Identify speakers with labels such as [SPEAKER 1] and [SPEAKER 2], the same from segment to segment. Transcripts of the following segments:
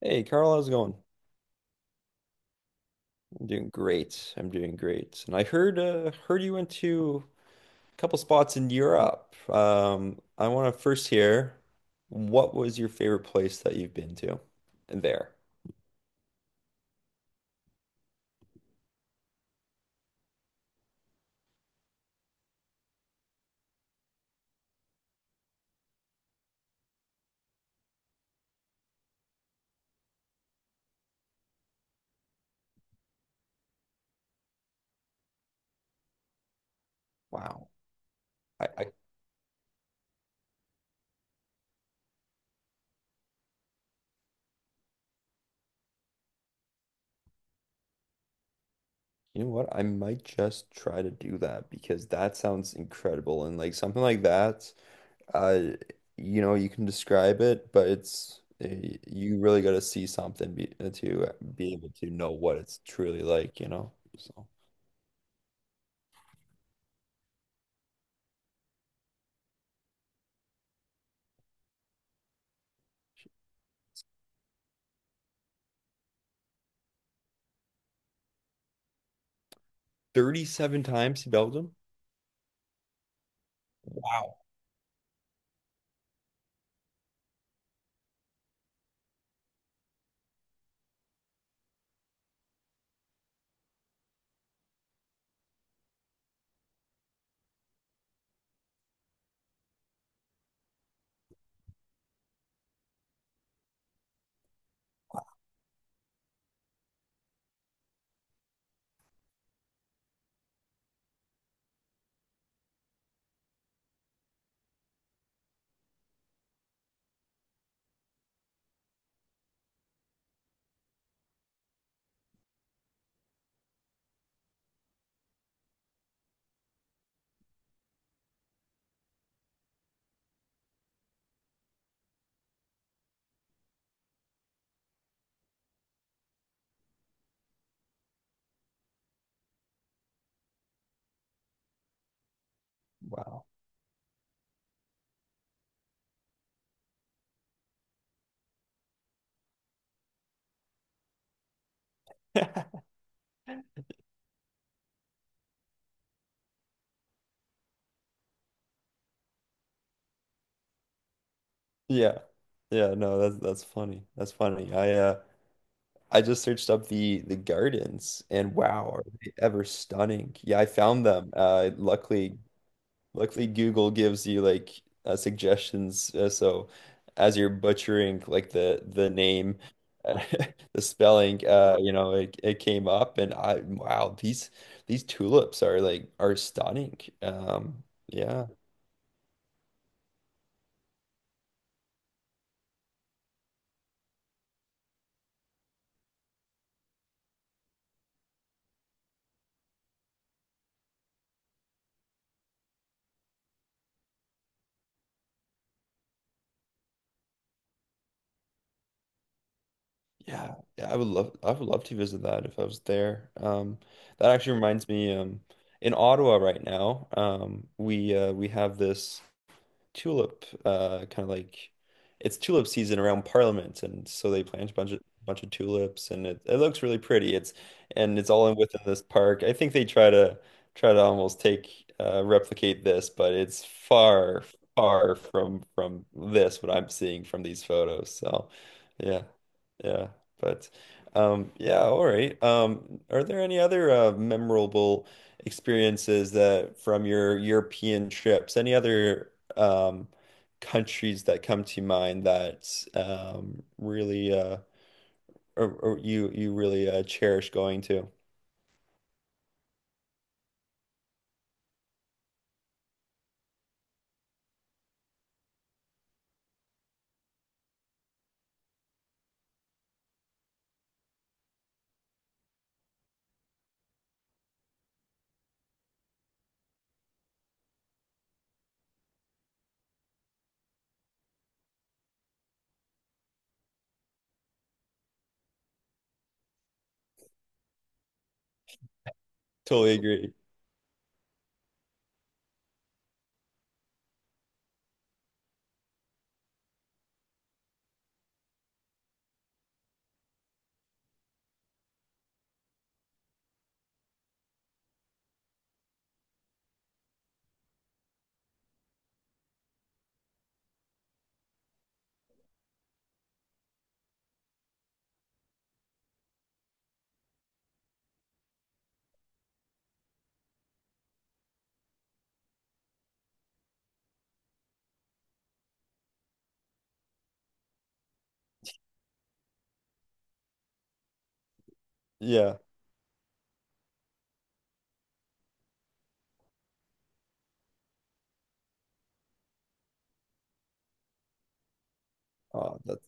[SPEAKER 1] Hey Carl, how's it going? I'm doing great. I'm doing great. And I heard heard you went to a couple spots in Europe. I want to first hear what was your favorite place that you've been to there? Wow. I You know what? I might just try to do that because that sounds incredible and like something like that. Uh, you know, you can describe it, but it's you really got to see something be, to be able to know what it's truly like, you know? So. 37 times he belted him? Wow. Wow. Yeah. Yeah, no, that's funny. That's funny. I just searched up the gardens and wow, are they ever stunning. Yeah, I found them. Luckily Google gives you like suggestions so as you're butchering like the name the spelling you know it came up and I wow, these tulips are like are stunning. Yeah. Yeah, yeah, I would love to visit that if I was there. That actually reminds me, in Ottawa right now, we have this tulip kind of like it's tulip season around Parliament, and so they plant a bunch of tulips, and it looks really pretty. It's and it's all in within this park. I think they try to try to almost take replicate this, but it's far from this what I'm seeing from these photos. So, yeah. Yeah, but yeah, all right. Are there any other memorable experiences that from your European trips? Any other countries that come to mind that really or you really cherish going to? Totally agree. Yeah. Oh, that's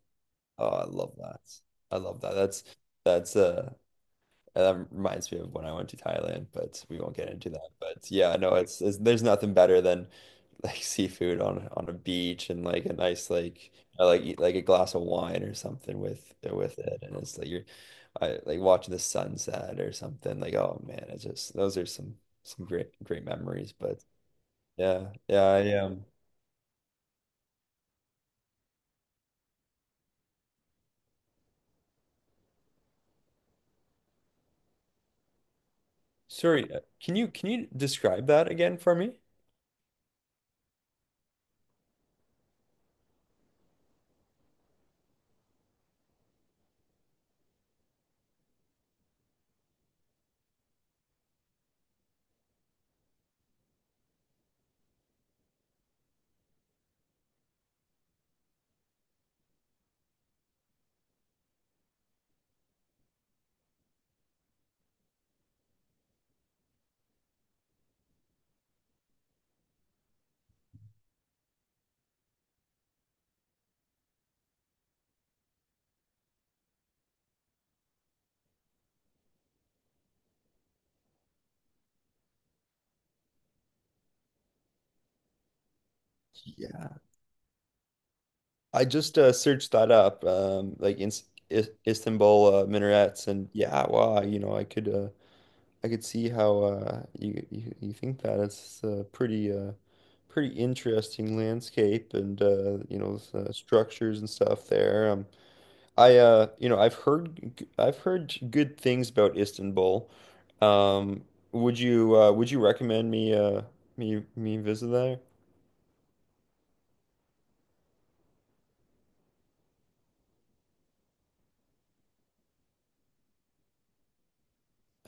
[SPEAKER 1] oh, I love that. I love that. That's And that reminds me of when I went to Thailand, but we won't get into that. But yeah, no, it's there's nothing better than like seafood on a beach and like a nice like I like eat like a glass of wine or something with it, and it's like you're I like watching the sunset or something. Like oh man, it's just those are some great great memories. But yeah, yeah, I sorry, can you describe that again for me? Yeah. I just searched that up, like in I Istanbul minarets, and yeah, wow, you know, I could see how you you think that it's a pretty pretty interesting landscape and you know structures and stuff there. I you know I've heard good things about Istanbul. Um, would you recommend me me me visit there?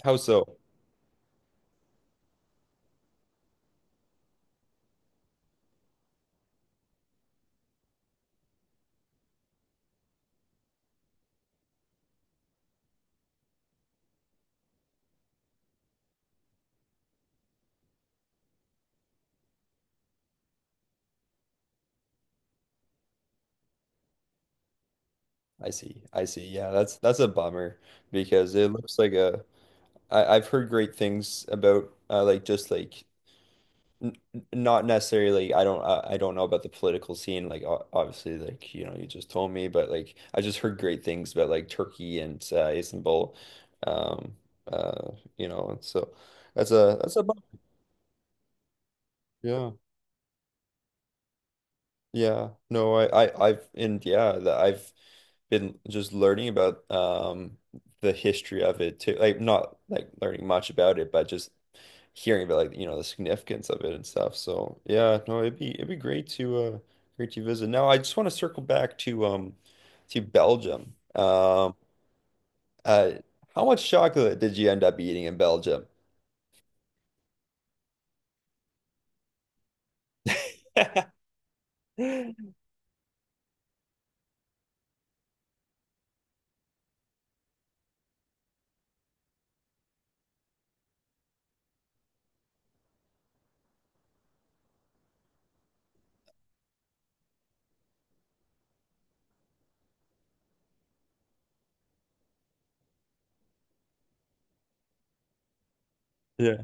[SPEAKER 1] How so? I see. I see. Yeah, that's a bummer because it looks like a I've heard great things about like just like not necessarily like, I don't know about the political scene like obviously like you know you just told me but like I just heard great things about like Turkey and Istanbul um uh you know and so that's a bummer. Yeah. Yeah, no, I've, and yeah, that I've been just learning about the history of it too. Like not like learning much about it, but just hearing about like, you know, the significance of it and stuff. So yeah, no, it'd be great to great to visit. Now I just want to circle back to Belgium. Uh how much chocolate did you end up eating in Belgium? Yeah.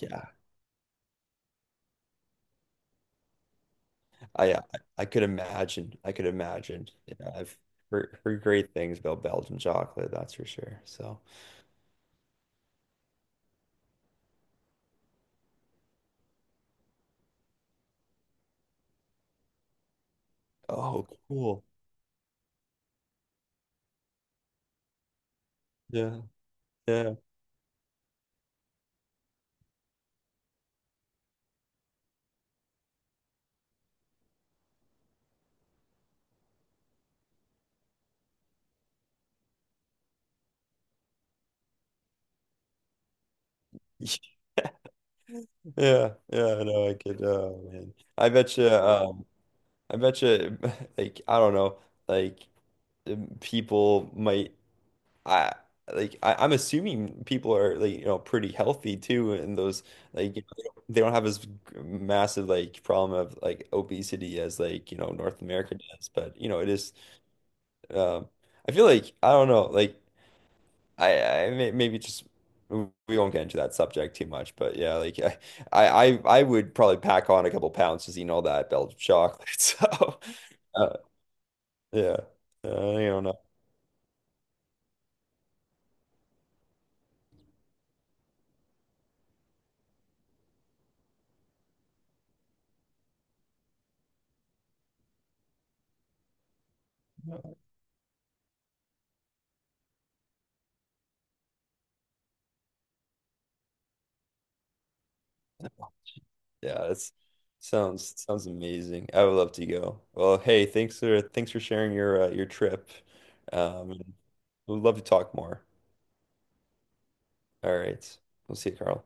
[SPEAKER 1] Yeah. I I I could imagine. I could imagine. Yeah, I've heard, heard great things about Belgian chocolate, that's for sure. So, oh, cool. Yeah, yeah, yeah, yeah. No, I could. Oh man, I bet you. I bet you. Like, I don't know. Like, people might. I Like I'm assuming people are like you know pretty healthy too, and those like you know, they don't have as massive like problem of like obesity as like you know North America does. But you know it is. Um, I feel like I don't know. Like I may, maybe just we won't get into that subject too much. But yeah, like I would probably pack on a couple pounds just eating all that Belgian chocolate. So yeah, I don't know. Yeah, that's sounds sounds amazing. I would love to go. Well, hey, thanks for thanks for sharing your trip. Um, we'd love to talk more. All right, we'll see you, Carl.